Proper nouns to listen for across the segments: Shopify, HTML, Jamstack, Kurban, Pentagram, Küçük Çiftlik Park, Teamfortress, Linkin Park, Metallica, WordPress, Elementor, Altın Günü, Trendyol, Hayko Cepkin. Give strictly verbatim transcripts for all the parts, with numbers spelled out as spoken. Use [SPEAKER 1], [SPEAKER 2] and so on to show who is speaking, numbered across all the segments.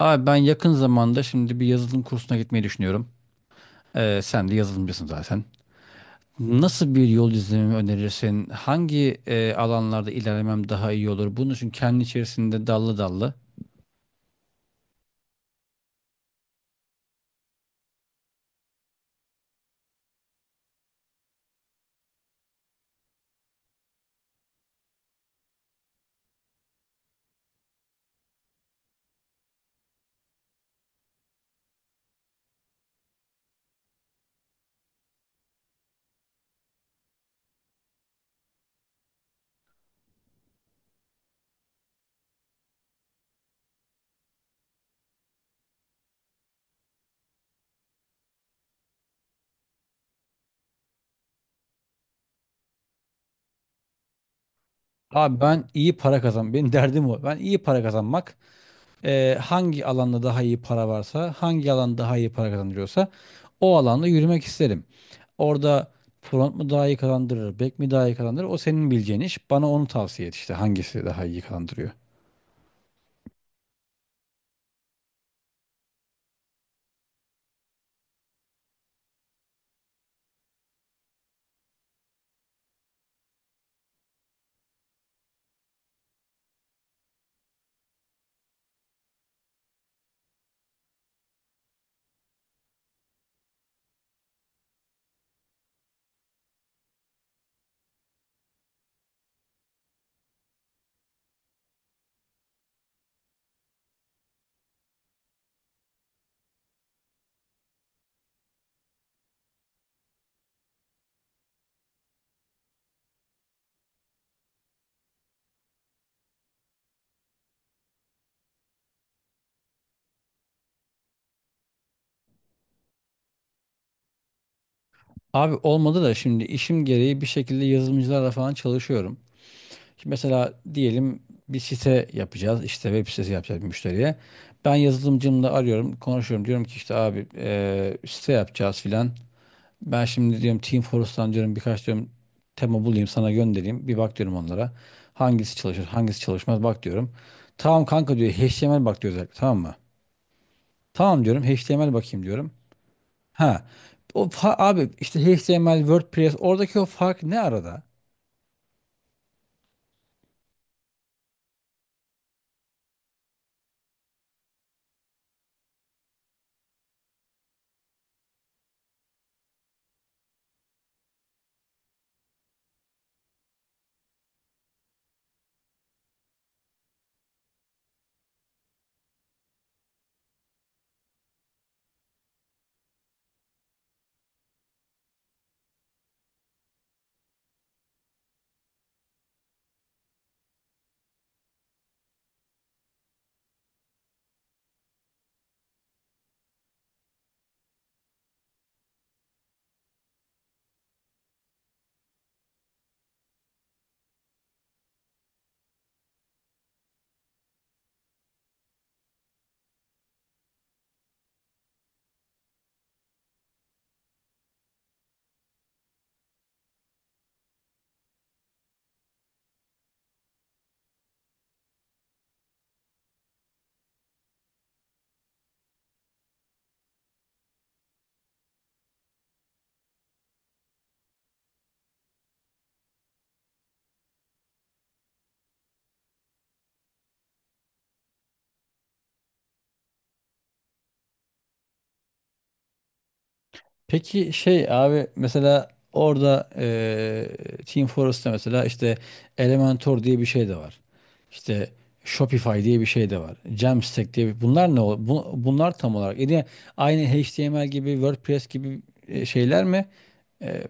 [SPEAKER 1] Abi ben yakın zamanda şimdi bir yazılım kursuna gitmeyi düşünüyorum. Ee, sen de yazılımcısın zaten. Nasıl bir yol izlememi önerirsin? Hangi e, alanlarda ilerlemem daha iyi olur? Bunun için kendi içerisinde dallı dallı. Abi ben iyi para kazan. Benim derdim o. Ben iyi para kazanmak. E, hangi alanda daha iyi para varsa, hangi alan daha iyi para kazandırıyorsa o alanda yürümek isterim. Orada front mu daha iyi kazandırır, back mi daha iyi kazandırır? O senin bileceğin iş. Bana onu tavsiye et işte hangisi daha iyi kazandırıyor. Abi olmadı da şimdi işim gereği bir şekilde yazılımcılarla falan çalışıyorum. Şimdi mesela diyelim bir site yapacağız. İşte web sitesi yapacağız bir müşteriye. Ben yazılımcımla arıyorum, konuşuyorum. Diyorum ki işte abi eee, site yapacağız filan. Ben şimdi diyorum Teamfortress'tan diyorum birkaç diyorum tema bulayım sana göndereyim. Bir bak diyorum onlara. Hangisi çalışır, hangisi çalışmaz bak diyorum. Tamam kanka diyor H T M L bak diyor özellikle tamam mı? Tamam diyorum H T M L bakayım diyorum. Ha. O fa- abi işte H T M L, WordPress oradaki o fark ne arada? Peki şey abi mesela orada eee Team Fortress'ta mesela işte Elementor diye bir şey de var. İşte Shopify diye bir şey de var. Jamstack diye bir, bunlar ne ol- bu- bunlar tam olarak yine aynı H T M L gibi WordPress gibi e, şeyler mi? E,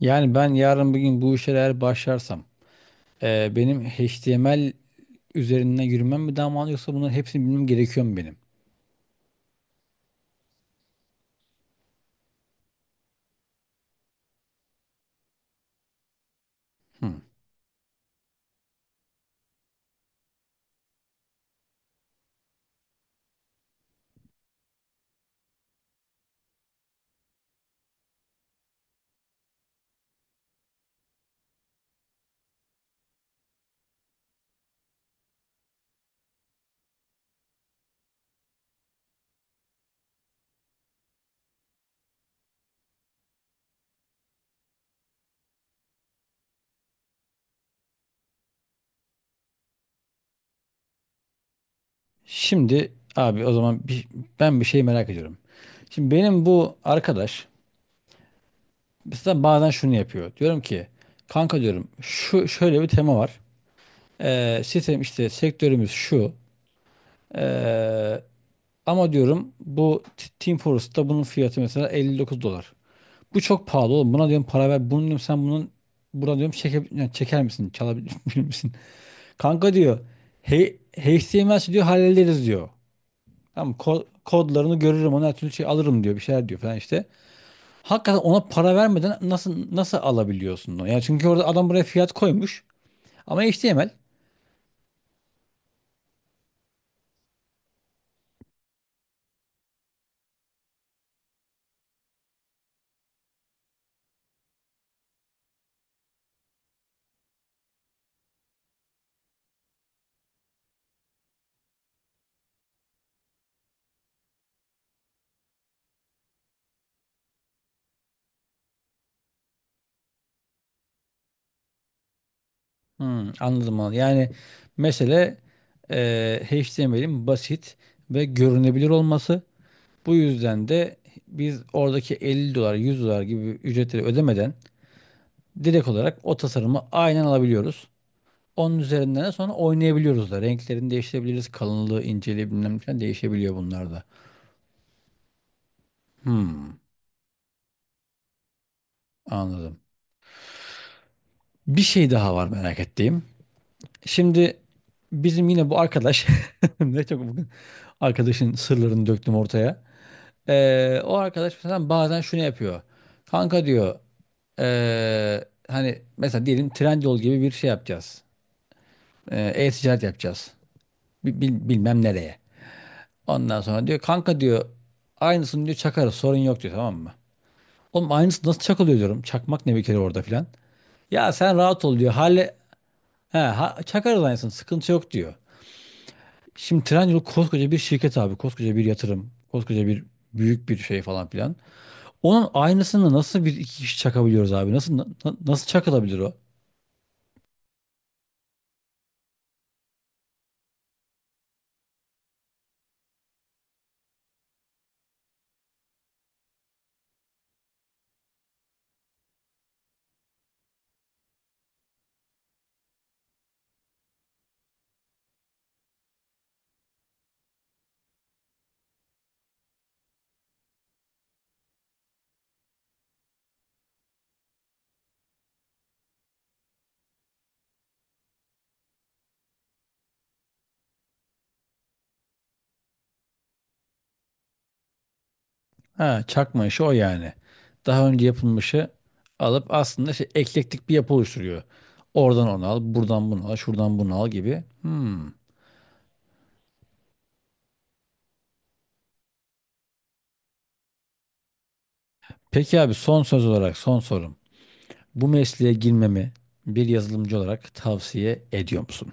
[SPEAKER 1] Yani ben yarın bugün bu işe eğer başlarsam e, benim H T M L üzerinden yürümem mi daha mantıklı yoksa bunların hepsini bilmem gerekiyor mu benim? Hı. Şimdi abi o zaman bir, ben bir şey merak ediyorum. Şimdi benim bu arkadaş mesela bazen şunu yapıyor. Diyorum ki kanka diyorum şu şöyle bir tema var. Ee, sistem işte sektörümüz şu. Ee, Ama diyorum bu T- Team Fortress'ta bunun fiyatı mesela 59 dolar. Bu çok pahalı oğlum. Buna diyorum para ver. Bunu diyorum sen bunun buna diyorum çeke, yani çeker misin? Çalabilir misin? Kanka diyor. Hey, H T M L'si diyor hallederiz diyor. Tamam ko- kodlarını görürüm ona her türlü şey alırım diyor bir şeyler diyor falan işte. Hakikaten ona para vermeden nasıl nasıl alabiliyorsun onu? Yani çünkü orada adam buraya fiyat koymuş ama H T M L. Hmm, anladım anladım. Yani mesele e, H T M L'in basit ve görünebilir olması. Bu yüzden de biz oradaki 50 dolar 100 dolar gibi ücretleri ödemeden direkt olarak o tasarımı aynen alabiliyoruz. Onun üzerinden de sonra oynayabiliyoruz da. Renklerini değiştirebiliriz. Kalınlığı, inceliği bilmem ne falan değişebiliyor bunlar da. Hmm, anladım. Bir şey daha var merak ettiğim. Şimdi bizim yine bu arkadaş ne çok bugün arkadaşın sırlarını döktüm ortaya. Ee, o arkadaş mesela bazen şunu yapıyor. Kanka diyor ee, hani mesela diyelim Trendyol gibi bir şey yapacağız. Ee, E-ticaret yapacağız. Bi- bil- bilmem nereye. Ondan sonra diyor kanka diyor aynısını diyor çakarız sorun yok diyor tamam mı? Oğlum aynısı nasıl çakılıyor diyorum. Çakmak ne bir kere orada filan. Ya sen rahat ol diyor. halle He, ha, çakar alliance'ın sıkıntı yok diyor. Şimdi Trendyol koskoca bir şirket abi. Koskoca bir yatırım. Koskoca bir büyük bir şey falan filan. Onun aynısını nasıl bir iki kişi çakabiliyoruz abi? Nasıl na- na- nasıl çakılabilir o? Ha, çakma işi o yani. Daha önce yapılmışı alıp aslında şey, eklektik bir yapı oluşturuyor. Oradan onu al, buradan bunu al, şuradan bunu al gibi. Hmm. Peki abi son söz olarak son sorum. Bu mesleğe girmemi bir yazılımcı olarak tavsiye ediyor musun?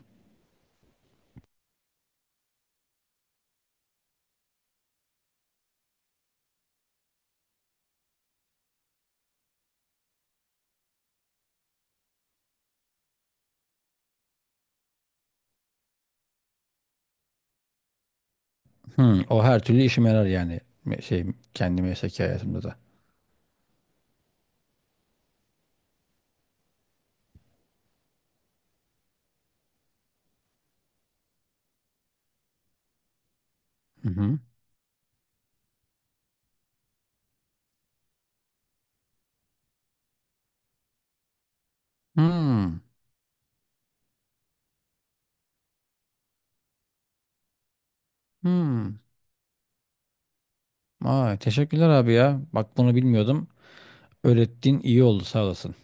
[SPEAKER 1] Hı, o her türlü işime yarar yani. Me- Şey kendi mesleki hayatımda da. Hı hı. Hı, hı. Ay, teşekkürler abi ya. Bak bunu bilmiyordum. Öğrettiğin iyi oldu sağ olasın.